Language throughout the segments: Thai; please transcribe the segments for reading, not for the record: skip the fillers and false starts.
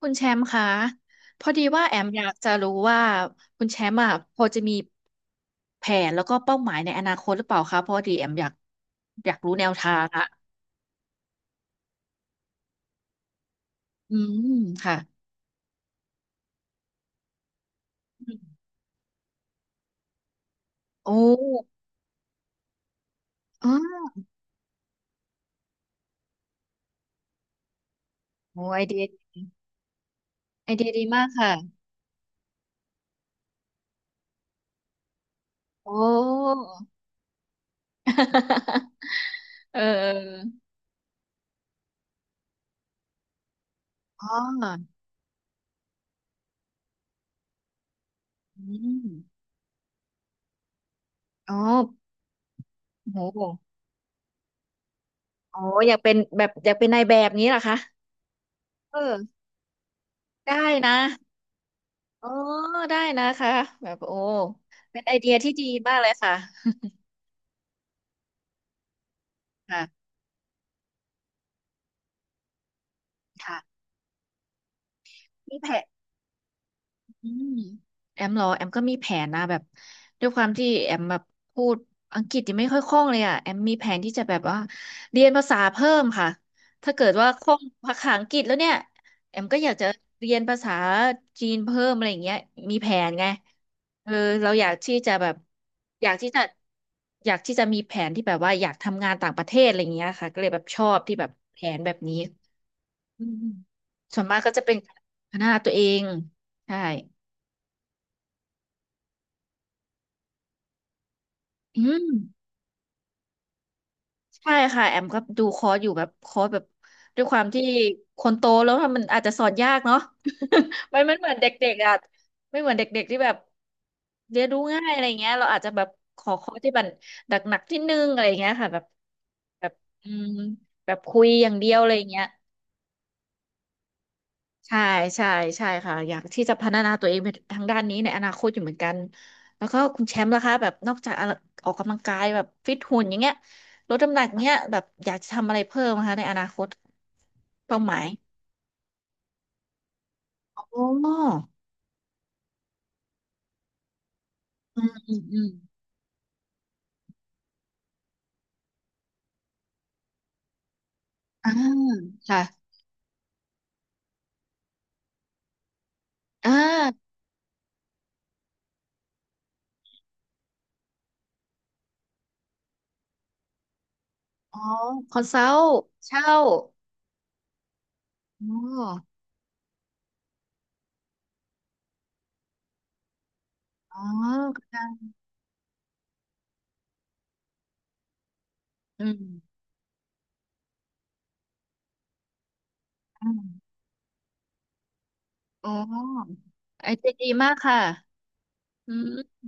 คุณแชมป์คะพอดีว่าแอมอยากจะรู้ว่าคุณแชมป์อ่ะพอจะมีแผนแล้วก็เป้าหมายในอนาคตหรือเปล่าคะเพอดีแอมอยากรู้แนวทางอะอืมค่ะโอ้อ๋อโอ้ไอเดียไอเดียดีมากค่ะโอ้ เอออ๋ออืมอ๋อโหโอ้อยากเป็นแบบอยากเป็นนายแบบนี้เหรอคะเออได้นะ อ๋อได้นะคะแบบโอ้เป็นไอเดียที่ดีมากเลยค่ะค่ะค่ะมีแผน อืมแอมเหรอแอมก็มีแผนนะแบบด้วยความที่แอมแบบพูดอังกฤษยังไม่ค่อยคล่องเลยอ่ะแอมมีแผนที่จะแบบว่าเรียนภาษาเพิ่มค่ะถ้าเกิดว่าคล่องภาษาอังกฤษแล้วเนี่ยแอมก็อยากจะเรียนภาษาจีนเพิ่มอะไรอย่างเงี้ยมีแผนไงเออเราอยากที่จะแบบอยากที่จะอยากที่จะมีแผนที่แบบว่าอยากทำงานต่างประเทศอะไรอย่างเงี้ยค่ะก็เลยแบบชอบที่แบบแผนแบบนี้อืมส่วนมากก็จะเป็นพัฒนาตัวเองใช่ อืมใช่ค่ะแอมก็ดูคอร์สอยู่แบบคอร์สแบบด้วยความที่คนโตแล้วมันอาจจะสอนยากเนาะ มันเหมือนเด็กๆอ่ะไม่เหมือนเด็กๆที่แบบเรียนรู้ง่ายอะไรเงี้ยเราอาจจะแบบขอคอร์สที่มันหนักๆที่นึงอะไรเงี้ยค่ะแบบแบบอืมแบบคุยอย่างเดียวอะไรเงี้ย ใช่ใช่ใช่ค่ะอยากที่จะพัฒนาตัวเองไปทางด้านนี้ในอนาคตอยู่เหมือนกันแล้วก็คุณแชมป์ล่ะคะแบบนอกจากออกกำลังกายแบบฟิตหุ่นอย่างเงี้ยลดน้ำหนักเงี้ยแบบอยากจะทำอะไรเพิ่มนะคะในอนาคตเป้าหมายอ๋ออืมอืมอืมอ่าค่ะอ่าอ๋อคอนซัลท์เช่าอ๋ออ๋อค่ะอืมอมอ๋อไอเดียดีมากค่ะอืม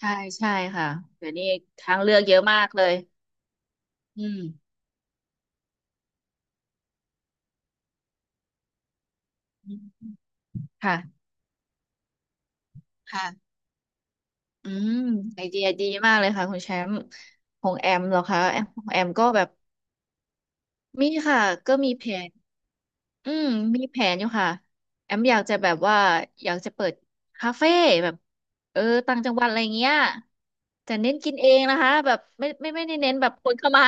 ใช่ใช่ค่ะเดี๋ยวนี้ทางเลือกเยอะมากเลยอืมอืมค่ะค่ะอืมไอเดียดีมากเลยค่ะคุณแชมป์ของแอมเหรอคะแอมของแอมก็แบบมีค่ะก็มีแผนอืมมีแผนอยู่ค่ะแอมอยากจะแบบว่าอยากจะเปิดคาเฟ่แบบเออต่างจังหวัดอะไรเงี้ยแต่เน้นกินเองนะคะแบบไม่ได้เน้นแบบคนเข้ามา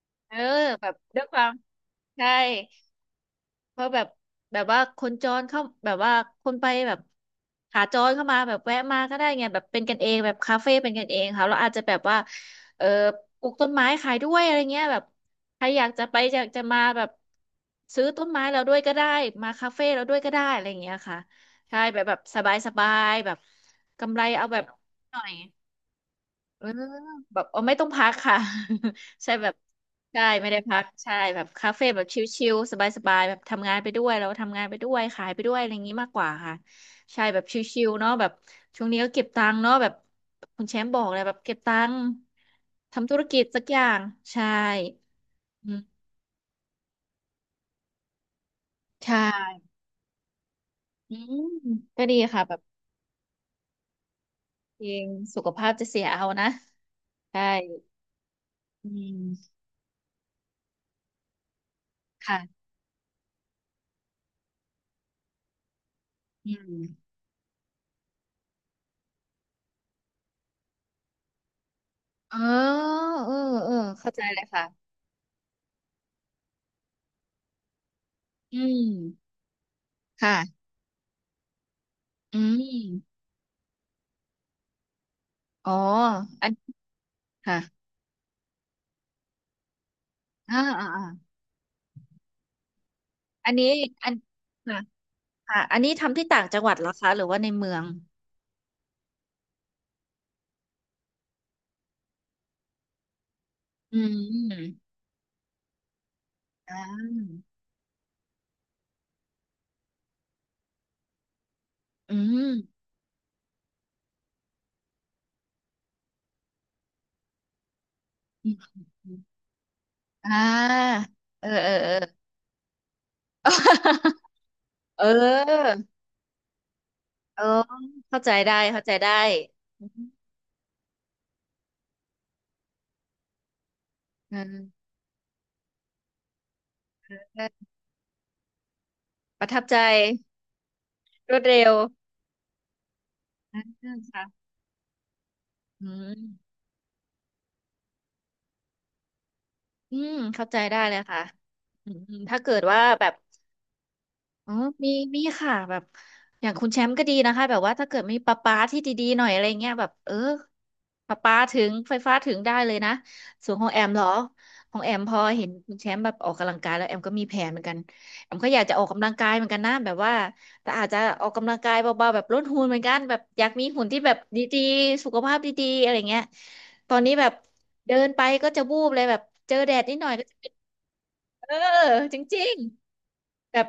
เออแบบด้วยความใช่ เพราะแบบแบบว่าคนจรเข้าแบบว่าคนไปแบบขาจรเข้ามาแบบแวะมาก็ได้ไงแบบเป็นกันเองแบบคาเฟ่เป็นกันเองค่ะเราอาจจะแบบว่าเออปลูกต้นไม้ขายด้วยอะไรเงี้ยแบบใครอยากจะไปอยากจะมาแบบซื้อต้นไม้เราด้วยก็ได้มาคาเฟ่เราด้วยก็ได้อะไรเงี้ยค่ะใช่แบบแบบสบายสบายแบบกำไรเอาแบบหน่อย เออแบบเออไม่ต้องพักค่ะ ใช่แบบใช่ไม่ได้พักใช่แบบคาเฟ่แบบชิลๆสบายๆแบบทำงานไปด้วยแล้วทำงานไปด้วยขายไปด้วยอะไรอย่างนี้มากกว่าค่ะใช่แบบชิลๆเนาะแบบช่วงนี้ก็เก็บตังค์เนาะแบบคุณแชมป์บอกเลยแบบเก็บตังค์ทำธุรกิจสักอย่างใช่อืมใช่อืมก็ดีค่ะแบบเองสุขภาพจะเสียเอานะใช่อืมค่ะอืมเออเออเออเข้าใจเลยค่ะ อืมค่ะอืมอ๋ออันค่ะอ่าอ่าอ่าอันนี้อันค่ะค่ะอันนี้ทำที่ต่างจังหวัดเหรอคะหรือว่าในเมืองอืมอ่าอืมอืมอมอ่าเออเออเออ เออเออเข้าใจได้เข้าใจได้อืมอืมประทับใจรวดเร็วอ่าค่ะอืมอืมเข้าใจได้เลยค่ะอืมถ้าเกิดว่าแบบ อ๋อมีมีค่ะแบบอย่างคุณแชมป์ก็ดีนะคะ แบบว่าถ้าเกิดมีประปาที่ดีๆหน่อยอะไรเงี้ยแบบเออประปาถึงไฟฟ้าถึงได้เลยนะส่วนของแอมเหรอของแอมพอเห็นคุณแชมป์แบบออกกำลังกายแล้วแอมก็มีแผนเหมือนกัน แอมก็อยากจะออกกำลังกายเหมือนกันนะแบบว่าแต่อาจจะออกกำลังกายเบาๆแบบลดหุ่นเหมือนกันแบบอยากมีหุ่นที่แบบดีๆสุขภาพดีๆอะไรเงี้ยตอนนี้แบบเดินไปก็จะวูบเลยแบบเจอแดดนิดหน่อยก็จะเป็นเออจริง แบบ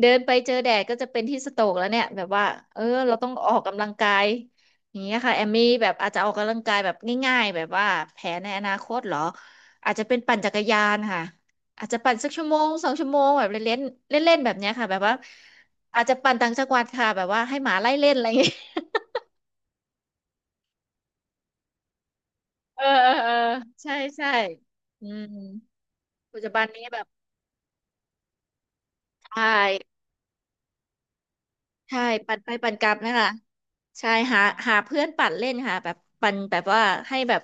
เดินไปเจอแดดก็จะเป็นที่สโตรกแล้วเนี่ยแบบว่าเออเราต้องออกกำลังกายอย่างเงี้ยค่ะแอมมี่แบบอาจจะออกกำลังกายแบบง่ายๆแบบว่าแผนในอนาคตเหรออาจจะเป็นปั่นจักรยานค่ะอาจจะปั่นสัก1 ชั่วโมง 2 ชั่วโมงแบบเล่นๆเล่นๆแบบเนี้ยค่ะแบบว่าอาจจะปั่นต่างจังหวัดค่ะแบบว่าให้หมาไล่เล่นอะไรอย่างเงี้ยเออเออเออใช่ใช่อืมปัจจุบันนี้แบบใช่ ใช่ปั่นไปปั่นกลับนั่นแหละใช่หาหาเพื่อนปั่นเล่นค่ะแบบปั่นแบบว่าให้แบบ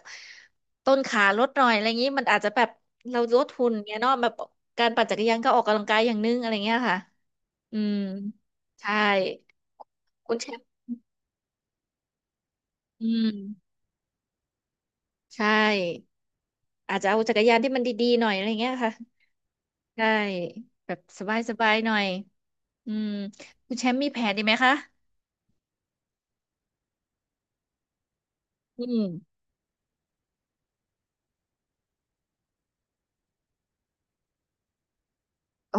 ต้นขาลดหน่อยอะไรอย่างนี้มันอาจจะแบบเราลดหุ่นเงี้ยเนาะแบบการปั่นจักรยานก็ออกกำลังกายอย่างนึงอะไรเงี้ยค่ะอืมใช่คุณแชมป์อืมใช่อาจจะเอาจักรยานที่มันดีๆหน่อยอะไรเงี้ยค่ะใช่แบบสบายๆหน่อยอืมคุณแชมป์มีแผนดีไหมคะอืมอ๋อ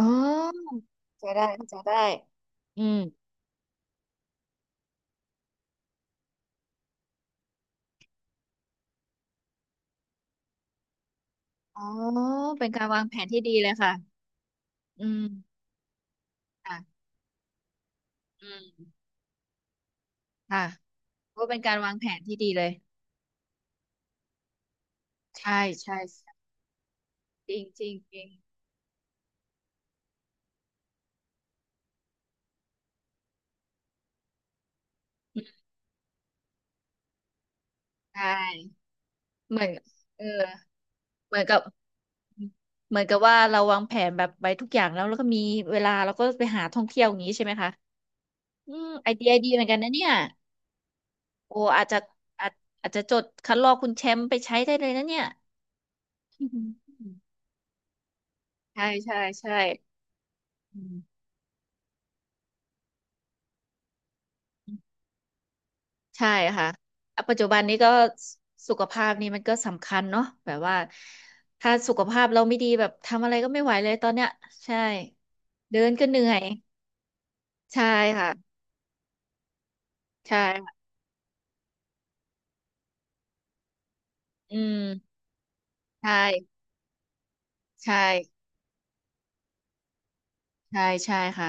เข้าใจได้เข้าใจได้อืม อ๋อเป็นการวางแผนที่ดีเลยค่ะอืมค่ะอืมค่ะก็เป็นการวางแผนที่ดีเลยใช่ใช่ใช่จริงจริงจริงใช่เหมือนเออเหมือนกับเหมือนกับว่าเราวางแผนแบบไว้ทุกอย่างแล้วแล้วก็มีเวลาเราก็ไปหาท่องเที่ยวอย่างนี้ใช่ไหมคะอืมไอเดียดีเหมือนกันนะเนี่ยโอ้อาจจะอาจอาจจะจดคัดลอกคุณแชมป์ไปใช้ได้เลยนะเนี่ย ใช่ใช่ใช่อืม ใช่ค่ะอ่ะปัจจุบันนี้ก็สุขภาพนี่มันก็สำคัญเนาะแบบว่าถ้าสุขภาพเราไม่ดีแบบทำอะไรก็ไม่ไหวเลยตอนเนี้ยใช่ เดินก็เหนื่อย ใช่ค่ะ ใช่ค่ะอืมใช่ ใช่ ใช่ ใช่ค่ะ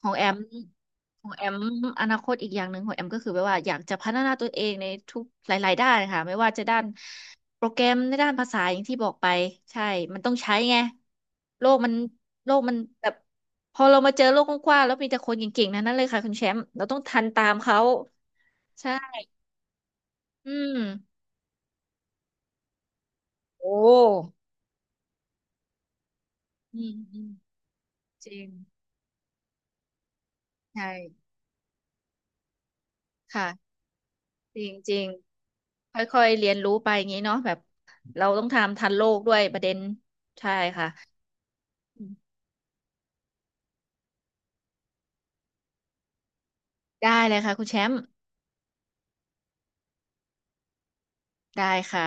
ของแอมของแอมอนาคตอีกอย่างหนึ่งของแอมก็คือแบบว่าอยากจะพัฒนาตัวเองในทุกหลายๆด้านค่ะไม่ว่าจะด้านโปรแกรมในด้านภาษาอย่างที่บอกไปใช่มันต้องใช้ไงโลกมันโลกมันแบบพอเรามาเจอโลกกว้างๆแล้วมีแต่คนเก่งๆนั้นนั่นเลยค่ะคุณแชมป์เราต้องทันตามเขาใช่อืมโอ้อืมอืมจริงใช่ค่ะ จริงจริงค่อยๆเรียนรู้ไปอย่างนี้เนาะแบบเราต้องทำทันโลกด้วยประเด็นใช่ค่ะได้เลยค่ะคุณแชมป์ได้ค่ะ